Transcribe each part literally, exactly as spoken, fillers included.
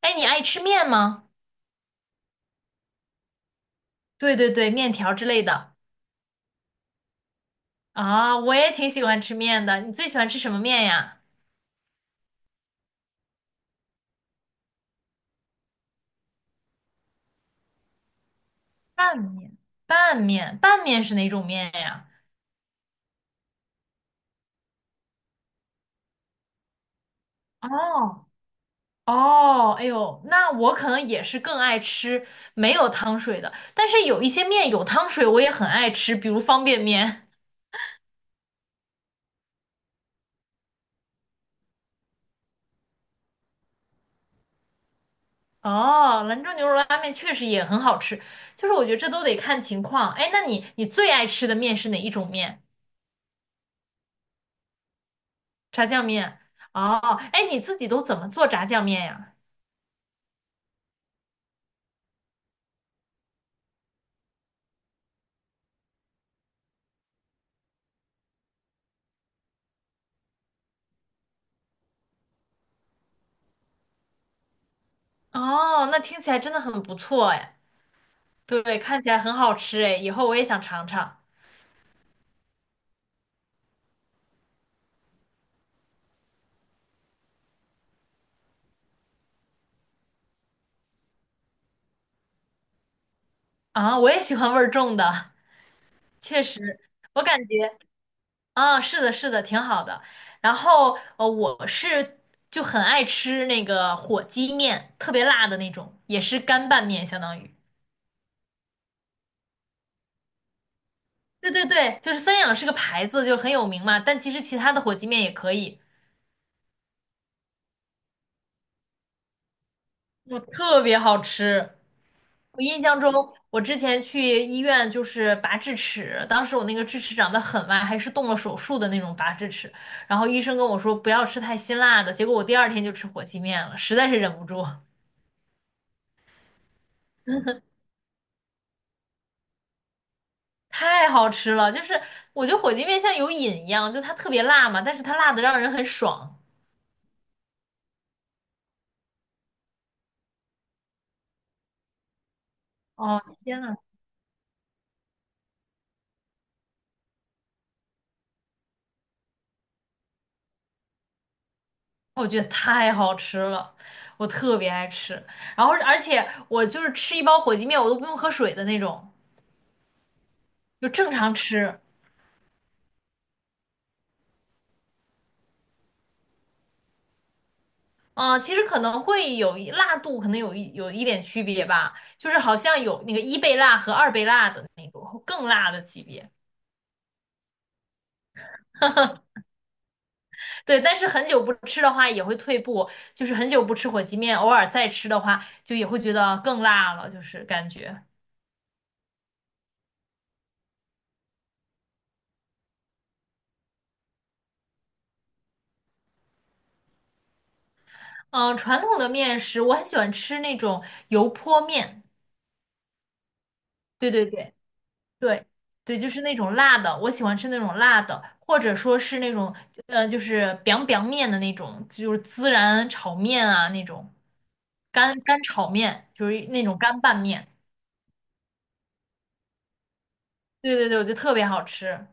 哎，你爱吃面吗？对对对，面条之类的啊，我也挺喜欢吃面的。你最喜欢吃什么面呀？拌面。拌面，拌面是哪种面呀？哦哦，哎呦，那我可能也是更爱吃没有汤水的，但是有一些面有汤水，我也很爱吃，比如方便面。哦，兰州牛肉拉面确实也很好吃，就是我觉得这都得看情况。哎，那你你最爱吃的面是哪一种面？炸酱面。哦，哎，你自己都怎么做炸酱面呀？哦，那听起来真的很不错哎。对，看起来很好吃哎，以后我也想尝尝。啊，我也喜欢味儿重的，确实，我感觉啊，是的，是的，挺好的。然后呃，我是就很爱吃那个火鸡面，特别辣的那种，也是干拌面，相当于。对对对，就是三养是个牌子，就很有名嘛，但其实其他的火鸡面也可以，特别好吃。我印象中，我之前去医院就是拔智齿，当时我那个智齿长得很歪，还是动了手术的那种拔智齿。然后医生跟我说不要吃太辛辣的，结果我第二天就吃火鸡面了，实在是忍不住，太好吃了。就是我觉得火鸡面像有瘾一样，就它特别辣嘛，但是它辣的让人很爽。哦，天呐，我觉得太好吃了，我特别爱吃。然后而且我就是吃一包火鸡面，我都不用喝水的那种，就正常吃。嗯，呃其实可能会有一辣度，可能有一有一点区别吧，就是好像有那个一倍辣和二倍辣的那种更辣的级别。对，但是很久不吃的话也会退步，就是很久不吃火鸡面，偶尔再吃的话，就也会觉得更辣了，就是感觉。嗯，传统的面食我很喜欢吃那种油泼面，对对对。对，对，就是那种辣的，我喜欢吃那种辣的，或者说是那种呃，就是 biang biang 面的那种，就是孜然炒面啊那种，干干炒面，就是那种干拌面。对对对，我觉得特别好吃。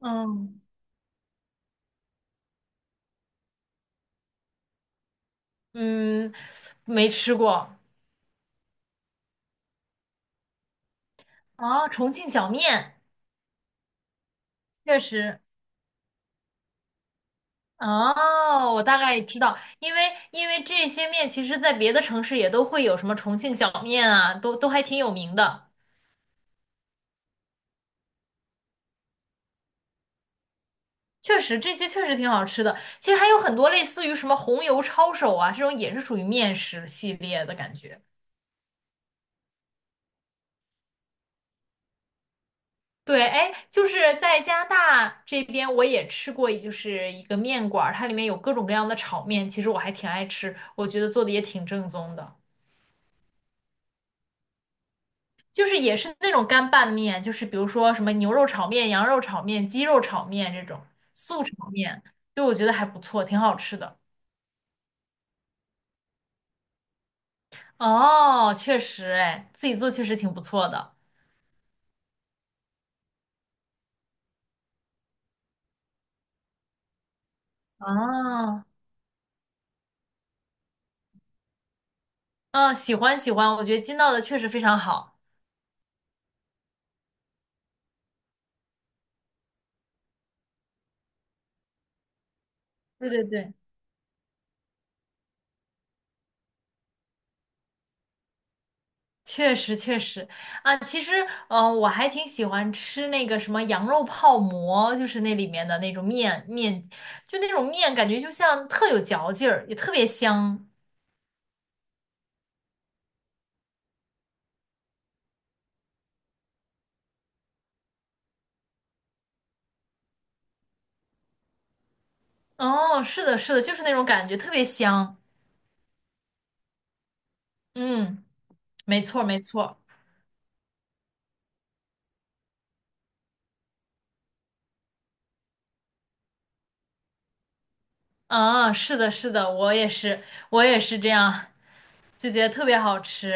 嗯，嗯，没吃过啊，重庆小面确实哦，我大概知道，因为因为这些面其实在别的城市也都会有什么重庆小面啊，都都还挺有名的。确实这些确实挺好吃的。其实还有很多类似于什么红油抄手啊，这种也是属于面食系列的感觉。对，哎，就是在加拿大这边，我也吃过，就是一个面馆儿，它里面有各种各样的炒面，其实我还挺爱吃，我觉得做的也挺正宗的，就是也是那种干拌面，就是比如说什么牛肉炒面、羊肉炒面、鸡肉炒面这种素炒面，就我觉得还不错，挺好吃的。哦，确实，哎，自己做确实挺不错的。哦，嗯，喜欢喜欢，我觉得金道的确实非常好。对对对，确实确实啊，其实呃，我还挺喜欢吃那个什么羊肉泡馍，就是那里面的那种面面，就那种面感觉就像特有嚼劲儿，也特别香。哦，是的，是的，就是那种感觉，特别香。嗯，没错没错。啊，是的，是的，我也是，我也是这样，就觉得特别好吃。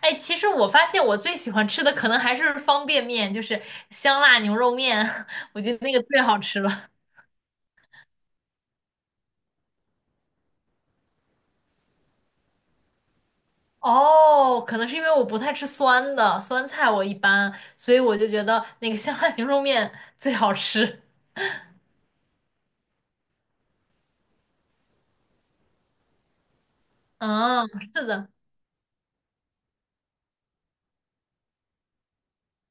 哎，其实我发现我最喜欢吃的可能还是方便面，就是香辣牛肉面，我觉得那个最好吃了。哦，可能是因为我不太吃酸的，酸菜我一般，所以我就觉得那个香辣牛肉面最好吃。嗯，是的，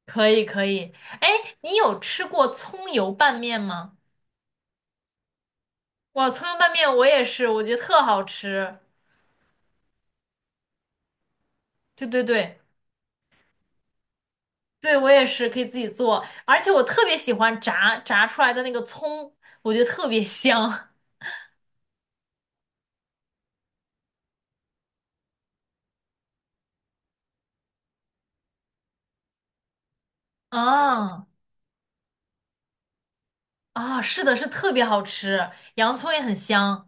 可以可以。哎，你有吃过葱油拌面吗？哇，葱油拌面我也是，我觉得特好吃。对对对。对，我也是可以自己做，而且我特别喜欢炸炸出来的那个葱，我觉得特别香。啊啊，是的，是特别好吃，洋葱也很香。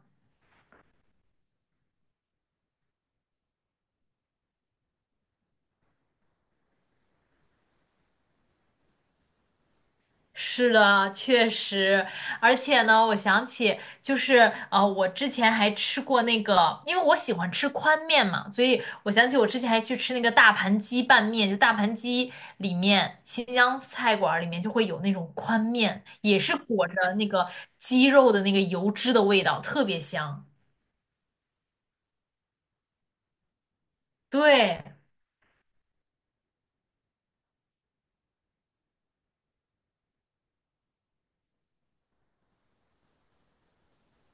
是的，确实，而且呢，我想起就是呃，我之前还吃过那个，因为我喜欢吃宽面嘛，所以我想起我之前还去吃那个大盘鸡拌面，就大盘鸡里面新疆菜馆儿里面就会有那种宽面，也是裹着那个鸡肉的那个油脂的味道，特别香。对，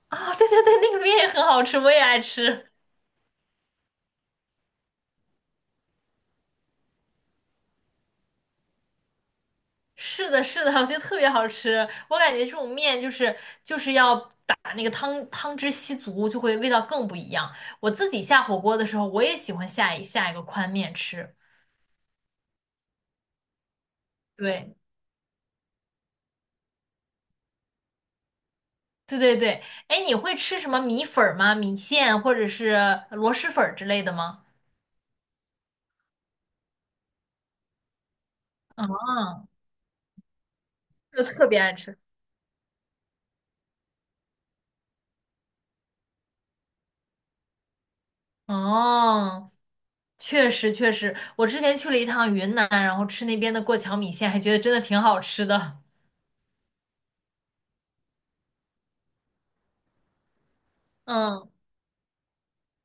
啊、对对对，那个面也很好吃，我也爱吃。是的，是的，我觉得特别好吃。我感觉这种面就是就是要把那个汤汤汁吸足，就会味道更不一样。我自己下火锅的时候，我也喜欢下一下一个宽面吃。对，对对对。哎，你会吃什么米粉儿吗？米线或者是螺蛳粉儿之类的吗？啊，就特别爱吃。哦，确实确实，我之前去了一趟云南，然后吃那边的过桥米线，还觉得真的挺好吃的。嗯，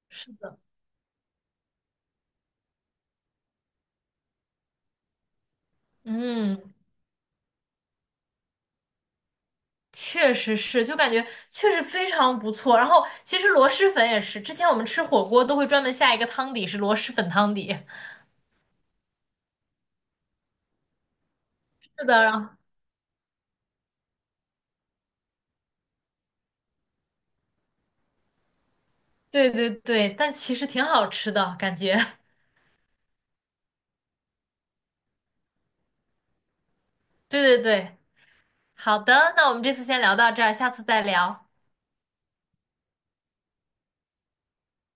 是的。嗯。确实是，就感觉确实非常不错。然后其实螺蛳粉也是，之前我们吃火锅都会专门下一个汤底是螺蛳粉汤底。是的，然后对对对，但其实挺好吃的感觉。对对对，好的，那我们这次先聊到这儿，下次再聊。